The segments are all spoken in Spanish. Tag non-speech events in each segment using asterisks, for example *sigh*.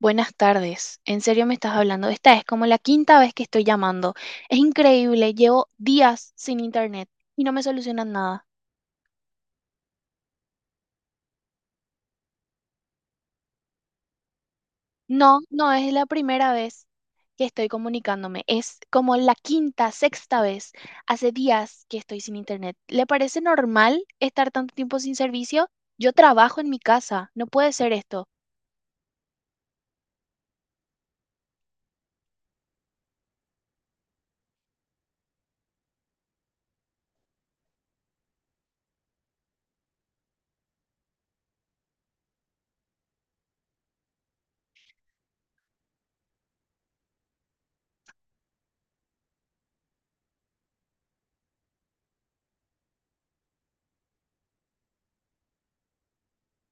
Buenas tardes. ¿En serio me estás hablando? Esta es como la quinta vez que estoy llamando. Es increíble, llevo días sin internet y no me solucionan nada. No, no es la primera vez que estoy comunicándome. Es como la quinta, sexta vez. Hace días que estoy sin internet. ¿Le parece normal estar tanto tiempo sin servicio? Yo trabajo en mi casa. No puede ser esto.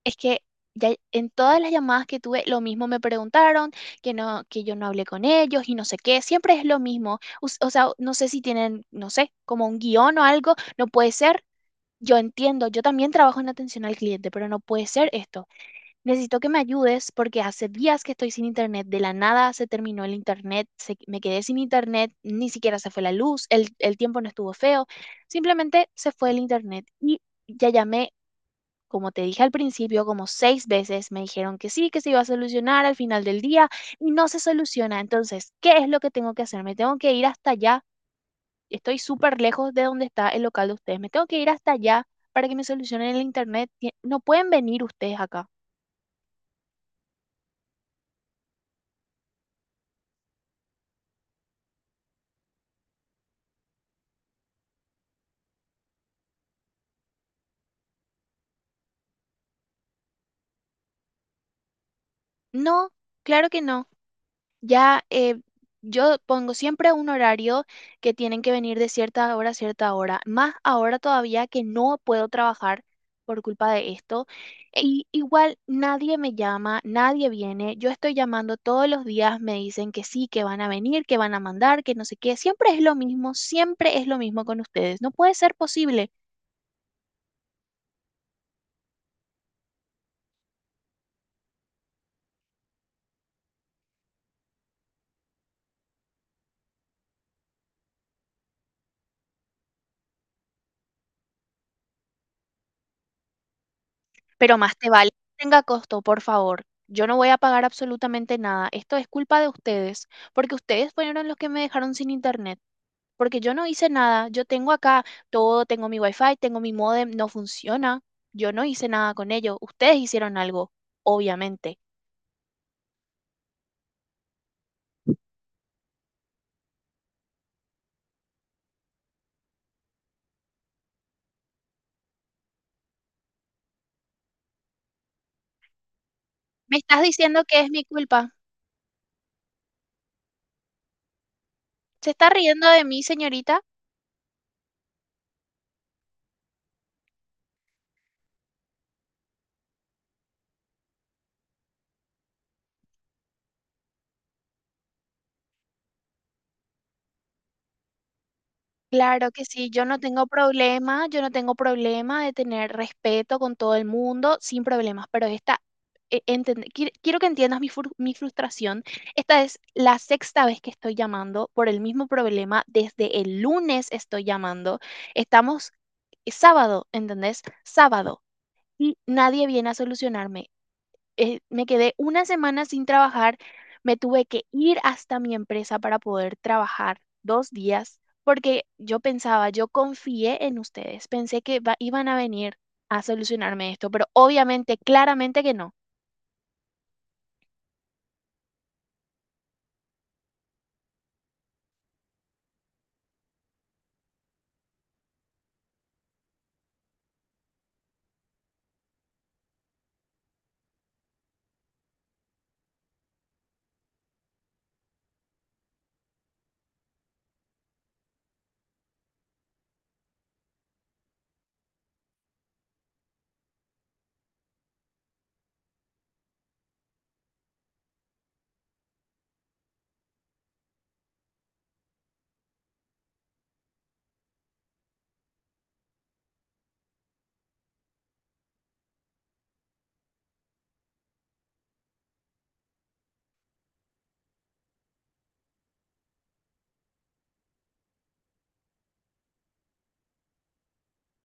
Es que ya en todas las llamadas que tuve, lo mismo me preguntaron, que no, que yo no hablé con ellos y no sé qué, siempre es lo mismo. O sea, no sé si tienen, no sé, como un guión o algo, no puede ser. Yo entiendo, yo también trabajo en atención al cliente, pero no puede ser esto. Necesito que me ayudes porque hace días que estoy sin internet, de la nada se terminó el internet, me quedé sin internet, ni siquiera se fue la luz, el tiempo no estuvo feo, simplemente se fue el internet y ya llamé como te dije al principio, como seis veces me dijeron que sí, que se iba a solucionar al final del día y no se soluciona. Entonces, ¿qué es lo que tengo que hacer? Me tengo que ir hasta allá. Estoy súper lejos de donde está el local de ustedes. Me tengo que ir hasta allá para que me solucionen el internet. No pueden venir ustedes acá. No, claro que no. Ya yo pongo siempre un horario que tienen que venir de cierta hora a cierta hora, más ahora todavía que no puedo trabajar por culpa de esto. Y igual nadie me llama, nadie viene. Yo estoy llamando todos los días, me dicen que sí, que van a venir, que van a mandar, que no sé qué. Siempre es lo mismo, siempre es lo mismo con ustedes. No puede ser posible. Pero más te vale que tenga costo, por favor. Yo no voy a pagar absolutamente nada. Esto es culpa de ustedes, porque ustedes fueron los que me dejaron sin internet, porque yo no hice nada. Yo tengo acá todo, tengo mi wifi, tengo mi modem no funciona. Yo no hice nada con ello. Ustedes hicieron algo, obviamente. ¿Me estás diciendo que es mi culpa? ¿Se está riendo de mí, señorita? Claro que sí, yo no tengo problema, yo no tengo problema de tener respeto con todo el mundo, sin problemas, pero esta, quiero que entiendas mi frustración. Esta es la sexta vez que estoy llamando por el mismo problema, desde el lunes estoy llamando, estamos sábado, ¿entendés? Sábado, y nadie viene a solucionarme me quedé una semana sin trabajar, me tuve que ir hasta mi empresa para poder trabajar dos días, porque yo pensaba, yo confié en ustedes, iban a venir a solucionarme esto, pero obviamente, claramente que no.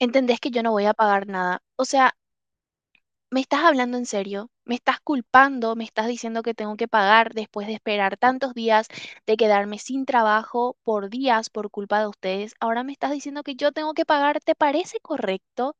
¿Entendés que yo no voy a pagar nada? O sea, ¿me estás hablando en serio? ¿Me estás culpando? ¿Me estás diciendo que tengo que pagar después de esperar tantos días, de quedarme sin trabajo por días por culpa de ustedes? Ahora me estás diciendo que yo tengo que pagar. ¿Te parece correcto?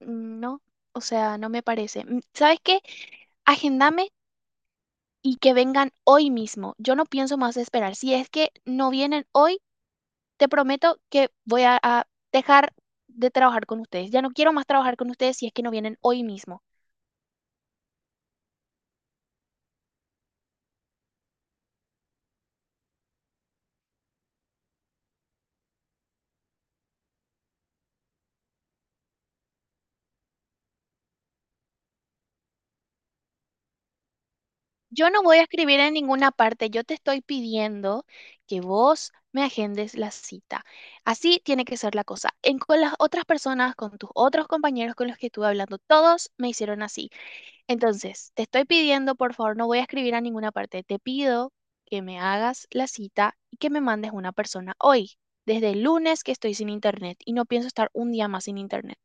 No, o sea, no me parece. ¿Sabes qué? Agendame y que vengan hoy mismo. Yo no pienso más esperar. Si es que no vienen hoy, te prometo que a dejar de trabajar con ustedes. Ya no quiero más trabajar con ustedes si es que no vienen hoy mismo. Yo no voy a escribir en ninguna parte. Yo te estoy pidiendo que vos me agendes la cita. Así tiene que ser la cosa. En, con las otras personas, con tus otros compañeros con los que estuve hablando, todos me hicieron así. Entonces, te estoy pidiendo, por favor, no voy a escribir a ninguna parte. Te pido que me hagas la cita y que me mandes una persona hoy, desde el lunes que estoy sin internet y no pienso estar un día más sin internet.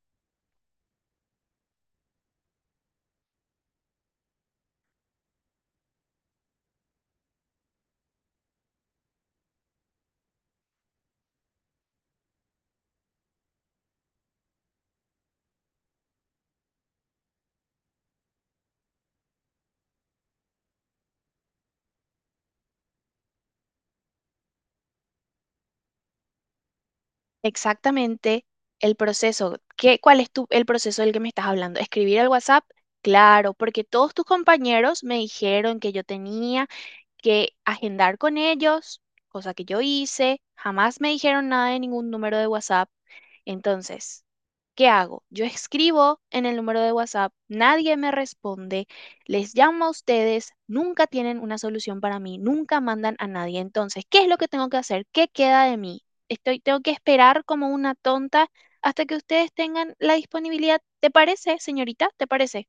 Exactamente el proceso. ¿Cuál es el proceso del que me estás hablando? ¿Escribir al WhatsApp? Claro, porque todos tus compañeros me dijeron que yo tenía que agendar con ellos, cosa que yo hice. Jamás me dijeron nada de ningún número de WhatsApp. Entonces, ¿qué hago? Yo escribo en el número de WhatsApp, nadie me responde, les llamo a ustedes, nunca tienen una solución para mí, nunca mandan a nadie. Entonces, ¿qué es lo que tengo que hacer? ¿Qué queda de mí? Estoy, tengo que esperar como una tonta hasta que ustedes tengan la disponibilidad. ¿Te parece, señorita? ¿Te parece?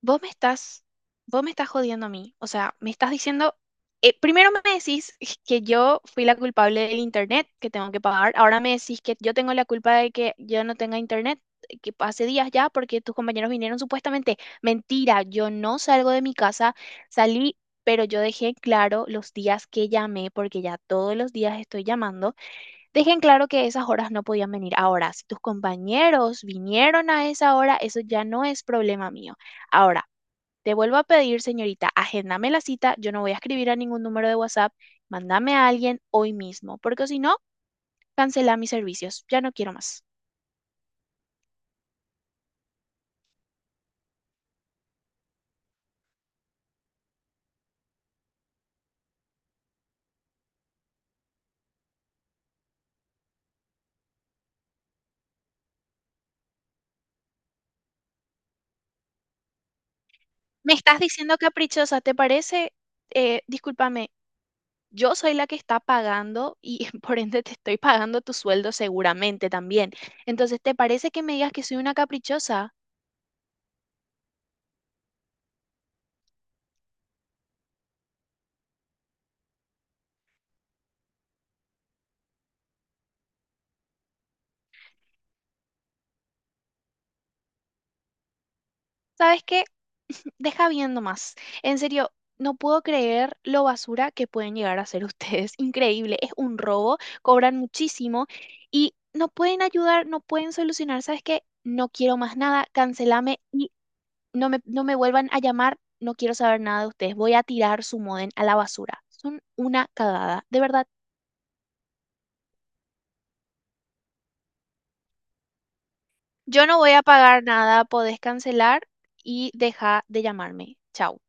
vos me estás, Vos me estás jodiendo a mí. O sea, me estás diciendo, primero me decís que yo fui la culpable del internet, que tengo que pagar. Ahora me decís que yo tengo la culpa de que yo no tenga internet, que hace días ya, porque tus compañeros vinieron supuestamente. Mentira, yo no salgo de mi casa, salí. Pero yo dejé en claro los días que llamé, porque ya todos los días estoy llamando, dejé en claro que esas horas no podían venir. Ahora, si tus compañeros vinieron a esa hora, eso ya no es problema mío. Ahora, te vuelvo a pedir, señorita, agéndame la cita, yo no voy a escribir a ningún número de WhatsApp, mándame a alguien hoy mismo, porque si no, cancela mis servicios, ya no quiero más. ¿Me estás diciendo caprichosa, ¿te parece? Discúlpame, yo soy la que está pagando y *laughs* por ende te estoy pagando tu sueldo seguramente también. Entonces, ¿te parece que me digas que soy una caprichosa? ¿Sabes qué? Deja viendo más. En serio, no puedo creer lo basura que pueden llegar a ser ustedes. *laughs* Increíble, es un robo, cobran muchísimo y no pueden ayudar, no pueden solucionar. ¿Sabes qué? No quiero más nada, cancelame y no me vuelvan a llamar, no quiero saber nada de ustedes. Voy a tirar su modem a la basura. Son una cagada, de verdad. Yo no voy a pagar nada, podés cancelar y deja de llamarme. Chao.